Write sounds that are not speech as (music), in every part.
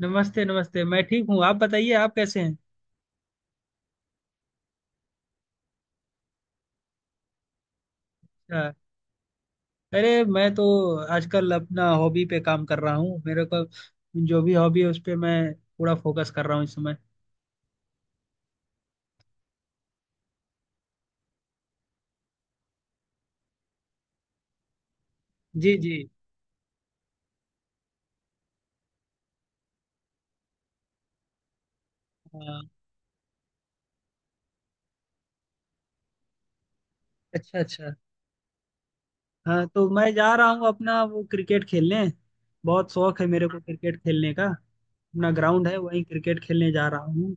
नमस्ते नमस्ते, मैं ठीक हूँ। आप बताइए, आप कैसे हैं? अच्छा। अरे, मैं तो आजकल अपना हॉबी पे काम कर रहा हूँ। मेरे को जो भी हॉबी है उस पे मैं पूरा फोकस कर रहा हूँ इस समय। जी जी। हाँ। अच्छा अच्छा। हाँ तो मैं जा रहा हूँ अपना वो क्रिकेट खेलने। बहुत शौक है मेरे को क्रिकेट खेलने का। अपना ग्राउंड है, वहीं क्रिकेट खेलने जा रहा हूँ।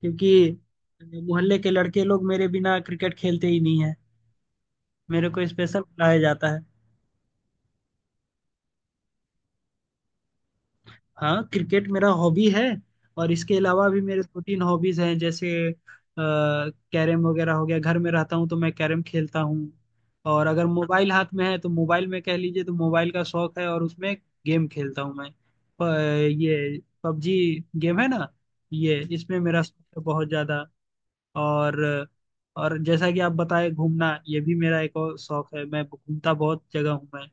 क्योंकि मोहल्ले के लड़के लोग मेरे बिना क्रिकेट खेलते ही नहीं है। मेरे को स्पेशल बुलाया जाता है। हाँ, क्रिकेट मेरा हॉबी है। और इसके अलावा भी मेरे दो तीन हॉबीज हैं, जैसे कैरम वगैरह हो गया। घर में रहता हूँ तो मैं कैरम खेलता हूँ। और अगर मोबाइल हाथ में है तो मोबाइल में, कह लीजिए तो मोबाइल का शौक है, और उसमें गेम खेलता हूँ मैं। प, ये पबजी गेम है ना, ये इसमें मेरा शौक है बहुत ज्यादा। और और जैसा कि आप बताए, घूमना ये भी मेरा एक और शौक है। मैं घूमता बहुत जगह हूँ मैं।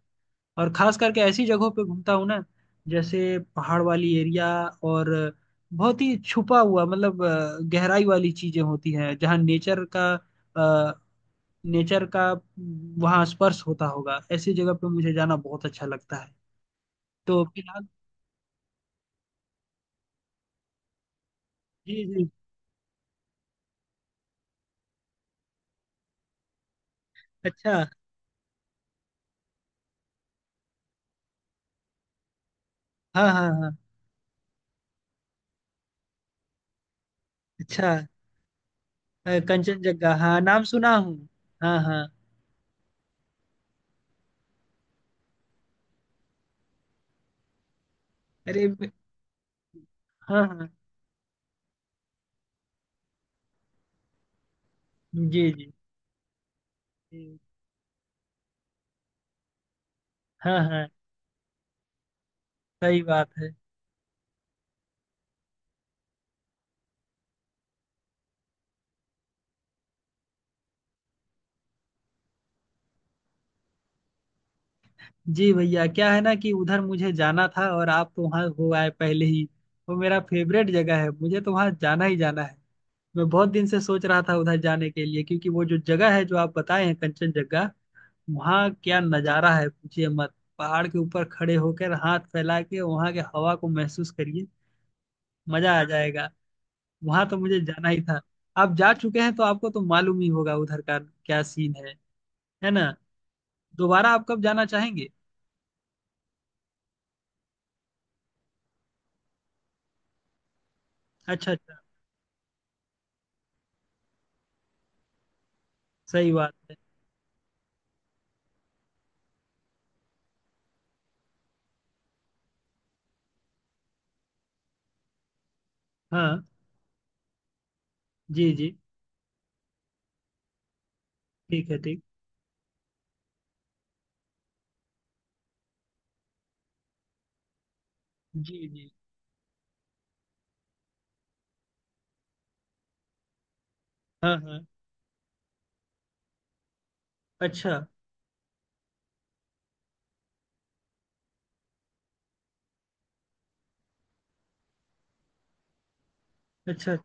और खास करके ऐसी जगहों पे घूमता हूँ ना, जैसे पहाड़ वाली एरिया। और बहुत ही छुपा हुआ मतलब गहराई वाली चीजें होती हैं, जहाँ नेचर का अ, नेचर का वहाँ स्पर्श होता होगा, ऐसी जगह पे मुझे जाना बहुत अच्छा लगता है। तो फिलहाल। जी जी। अच्छा। हाँ हाँ हाँ। अच्छा। कंचनजंगा, हाँ नाम सुना हूँ। हाँ हाँ। अरे ब-। हाँ हाँ। जी जी जी, हाँ हाँ। सही बात है। जी भैया, क्या है ना कि उधर मुझे जाना था और आप तो वहाँ हो आए पहले ही। वो मेरा फेवरेट जगह है, मुझे तो वहाँ जाना ही जाना है। मैं बहुत दिन से सोच रहा था उधर जाने के लिए, क्योंकि वो जो जगह है जो आप बताए हैं, कंचनजंगा। वहाँ क्या नज़ारा है, पूछिए मत। पहाड़ के ऊपर खड़े होकर हाथ फैला के वहाँ के हवा को महसूस करिए, मजा आ जाएगा। वहाँ तो मुझे जाना ही था। आप जा चुके हैं तो आपको तो मालूम ही होगा उधर का क्या सीन है ना? दोबारा आप कब जाना चाहेंगे? अच्छा अच्छा। सही बात है। हाँ। जी जी। ठीक है ठीक। जी जी। हाँ हाँ। अच्छा अच्छा।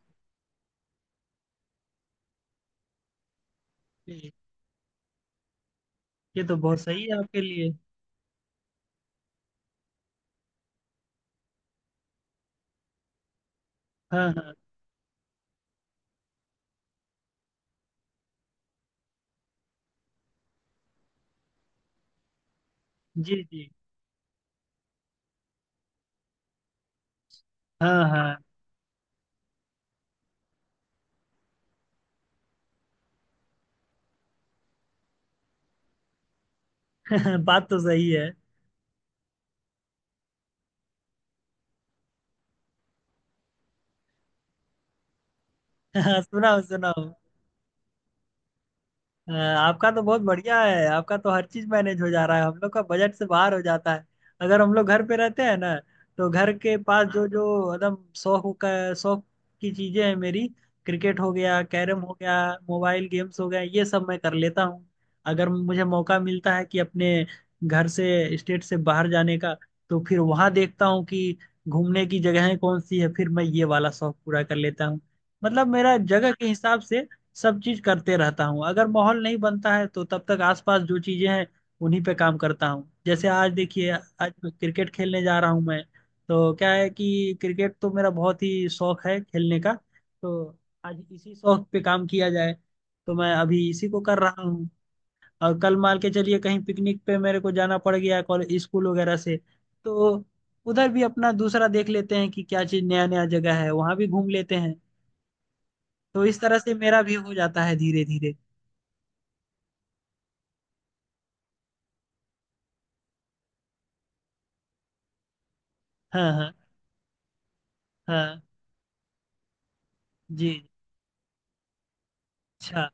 जी। ये तो बहुत सही है आपके लिए। हाँ हाँ। जी जी। हाँ हाँ। (laughs) बात तो सही है। (laughs) सुनाओ सुनाओ। आपका तो बहुत बढ़िया है, आपका तो हर चीज मैनेज हो जा रहा है। हम लोग का बजट से बाहर हो जाता है। अगर हम लोग घर पे रहते हैं ना, तो घर के पास जो जो एकदम शौक का शौक की चीजें हैं मेरी, क्रिकेट हो गया, कैरम हो गया, मोबाइल गेम्स हो गया, ये सब मैं कर लेता हूँ। अगर मुझे मौका मिलता है कि अपने घर से, स्टेट से बाहर जाने का, तो फिर वहां देखता हूँ कि घूमने की जगहें कौन सी है, फिर मैं ये वाला शौक पूरा कर लेता हूँ। मतलब मेरा जगह के हिसाब से सब चीज करते रहता हूँ। अगर माहौल नहीं बनता है तो तब तक आसपास जो चीजें हैं उन्हीं पे काम करता हूँ। जैसे आज देखिए, आज मैं क्रिकेट खेलने जा रहा हूँ मैं। तो क्या है कि क्रिकेट तो मेरा बहुत ही शौक है खेलने का। तो आज इसी शौक पे काम किया जाए, तो मैं अभी इसी को कर रहा हूँ। और कल मान के चलिए कहीं पिकनिक पे मेरे को जाना पड़ गया कॉलेज स्कूल वगैरह से, तो उधर भी अपना दूसरा देख लेते हैं कि क्या चीज नया नया जगह है, वहां भी घूम लेते हैं। तो इस तरह से मेरा भी हो जाता है धीरे धीरे। हाँ हाँ हाँ। जी। अच्छा।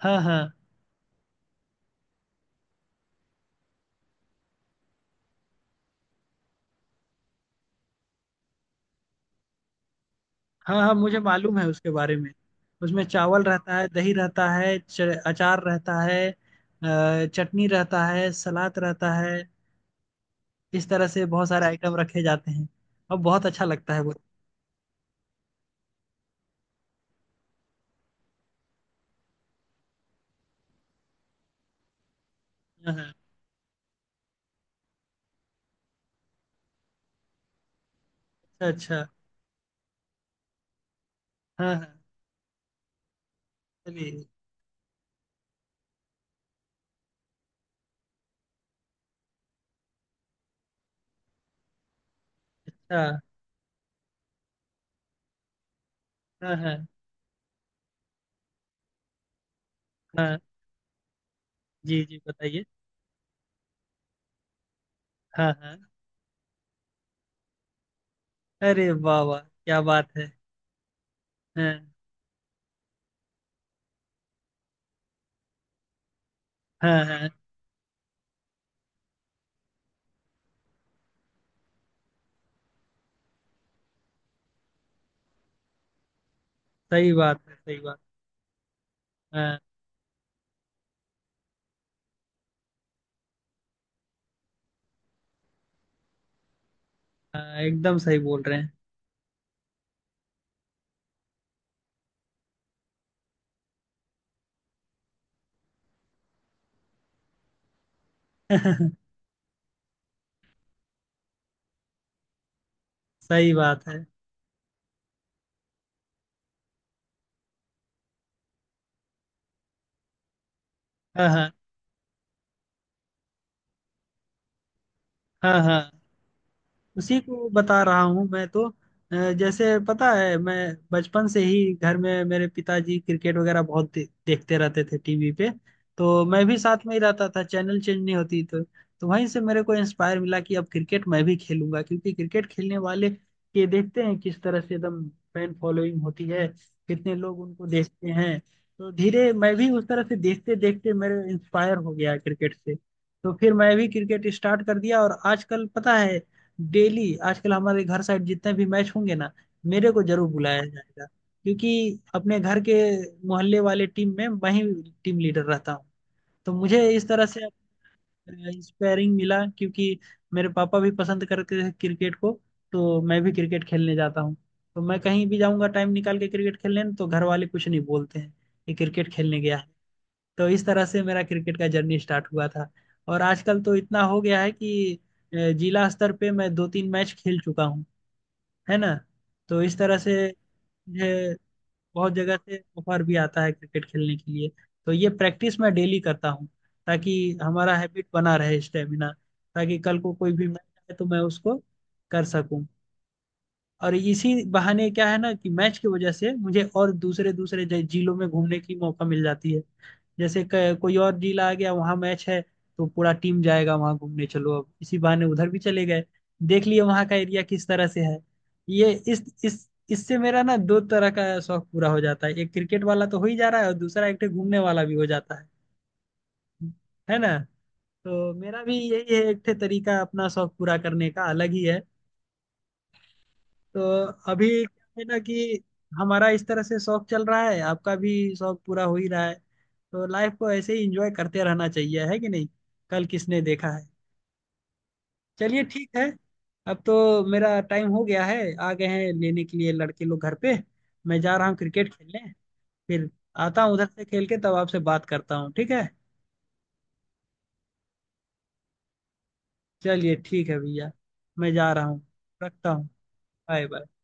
हाँ हाँ। हाँ हाँ, मुझे मालूम है उसके बारे में। उसमें चावल रहता है, दही रहता है, अचार रहता है, चटनी रहता है, सलाद रहता है। इस तरह से बहुत सारे आइटम रखे जाते हैं। और बहुत अच्छा लगता है वो। हाँ हाँ। अच्छा अच्छा। हाँ हाँ। चलिए। अच्छा। हाँ हाँ। हाँ। जी जी बताइए। हाँ हाँ। अरे वाह वाह, क्या बात है। हाँ हाँ हाँ। सही बात है, सही बात। हाँ हाँ, एकदम सही बोल रहे हैं। (laughs) सही बात है। हाँ, हाँ। हाँ, हाँ। उसी को बता रहा हूँ मैं तो। जैसे पता है, मैं बचपन से ही घर में मेरे पिताजी क्रिकेट वगैरह बहुत देखते रहते थे टीवी पे। तो मैं भी साथ में ही रहता था, चैनल चेंज नहीं होती तो। तो वहीं से मेरे को इंस्पायर मिला कि अब क्रिकेट मैं भी खेलूंगा। क्योंकि क्रिकेट खेलने वाले के देखते हैं किस तरह से एकदम फैन फॉलोइंग होती है, कितने लोग उनको देखते हैं। तो धीरे मैं भी उस तरह से देखते देखते मेरे इंस्पायर हो गया क्रिकेट से। तो फिर मैं भी क्रिकेट स्टार्ट कर दिया। और आजकल पता है, डेली आजकल हमारे घर साइड जितने भी मैच होंगे ना, मेरे को जरूर बुलाया जाएगा। क्योंकि अपने घर के मोहल्ले वाले टीम में मैं ही टीम लीडर रहता हूँ। तो मुझे इस तरह से इंस्पायरिंग मिला, क्योंकि मेरे पापा भी पसंद करते थे क्रिकेट को, तो मैं भी क्रिकेट खेलने जाता हूँ। तो मैं कहीं भी जाऊंगा टाइम निकाल के क्रिकेट खेलने, तो घर वाले कुछ नहीं बोलते हैं कि क्रिकेट खेलने गया है। तो इस तरह से मेरा क्रिकेट का जर्नी स्टार्ट हुआ था। और आजकल तो इतना हो गया है कि जिला स्तर पे मैं दो तीन मैच खेल चुका हूँ, है ना। तो इस तरह से मुझे बहुत जगह से ऑफर भी आता है क्रिकेट खेलने के लिए। तो ये प्रैक्टिस मैं डेली करता हूँ, ताकि हमारा हैबिट बना रहे, स्टेमिना, ताकि कल को कोई भी मैच आए तो मैं उसको कर सकूं। और इसी बहाने क्या है ना कि मैच की वजह से मुझे और दूसरे दूसरे जिलों में घूमने की मौका मिल जाती है। जैसे कोई और जिला आ गया, वहां मैच है, तो पूरा टीम जाएगा, वहां घूमने चलो, अब इसी बहाने उधर भी चले गए, देख लिए वहां का एरिया किस तरह से है। ये इस इससे मेरा ना दो तरह का शौक पूरा हो जाता है। एक क्रिकेट वाला तो हो ही जा रहा है, और दूसरा एक ठे घूमने वाला भी हो जाता है ना। तो मेरा भी यही है, एक ठे तरीका अपना शौक पूरा करने का अलग ही है। तो अभी क्या है ना कि हमारा इस तरह से शौक चल रहा है, आपका भी शौक पूरा हो ही रहा है। तो लाइफ को ऐसे ही इंजॉय करते रहना चाहिए, है कि नहीं? कल किसने देखा है। चलिए ठीक है। अब तो मेरा टाइम हो गया है, आ गए हैं लेने के लिए लड़के लोग घर पे। मैं जा रहा हूँ क्रिकेट खेलने। फिर आता हूँ उधर से खेल के, तब आपसे बात करता हूँ, ठीक है? चलिए ठीक है भैया, मैं जा रहा हूँ। रखता हूँ। Bye bye.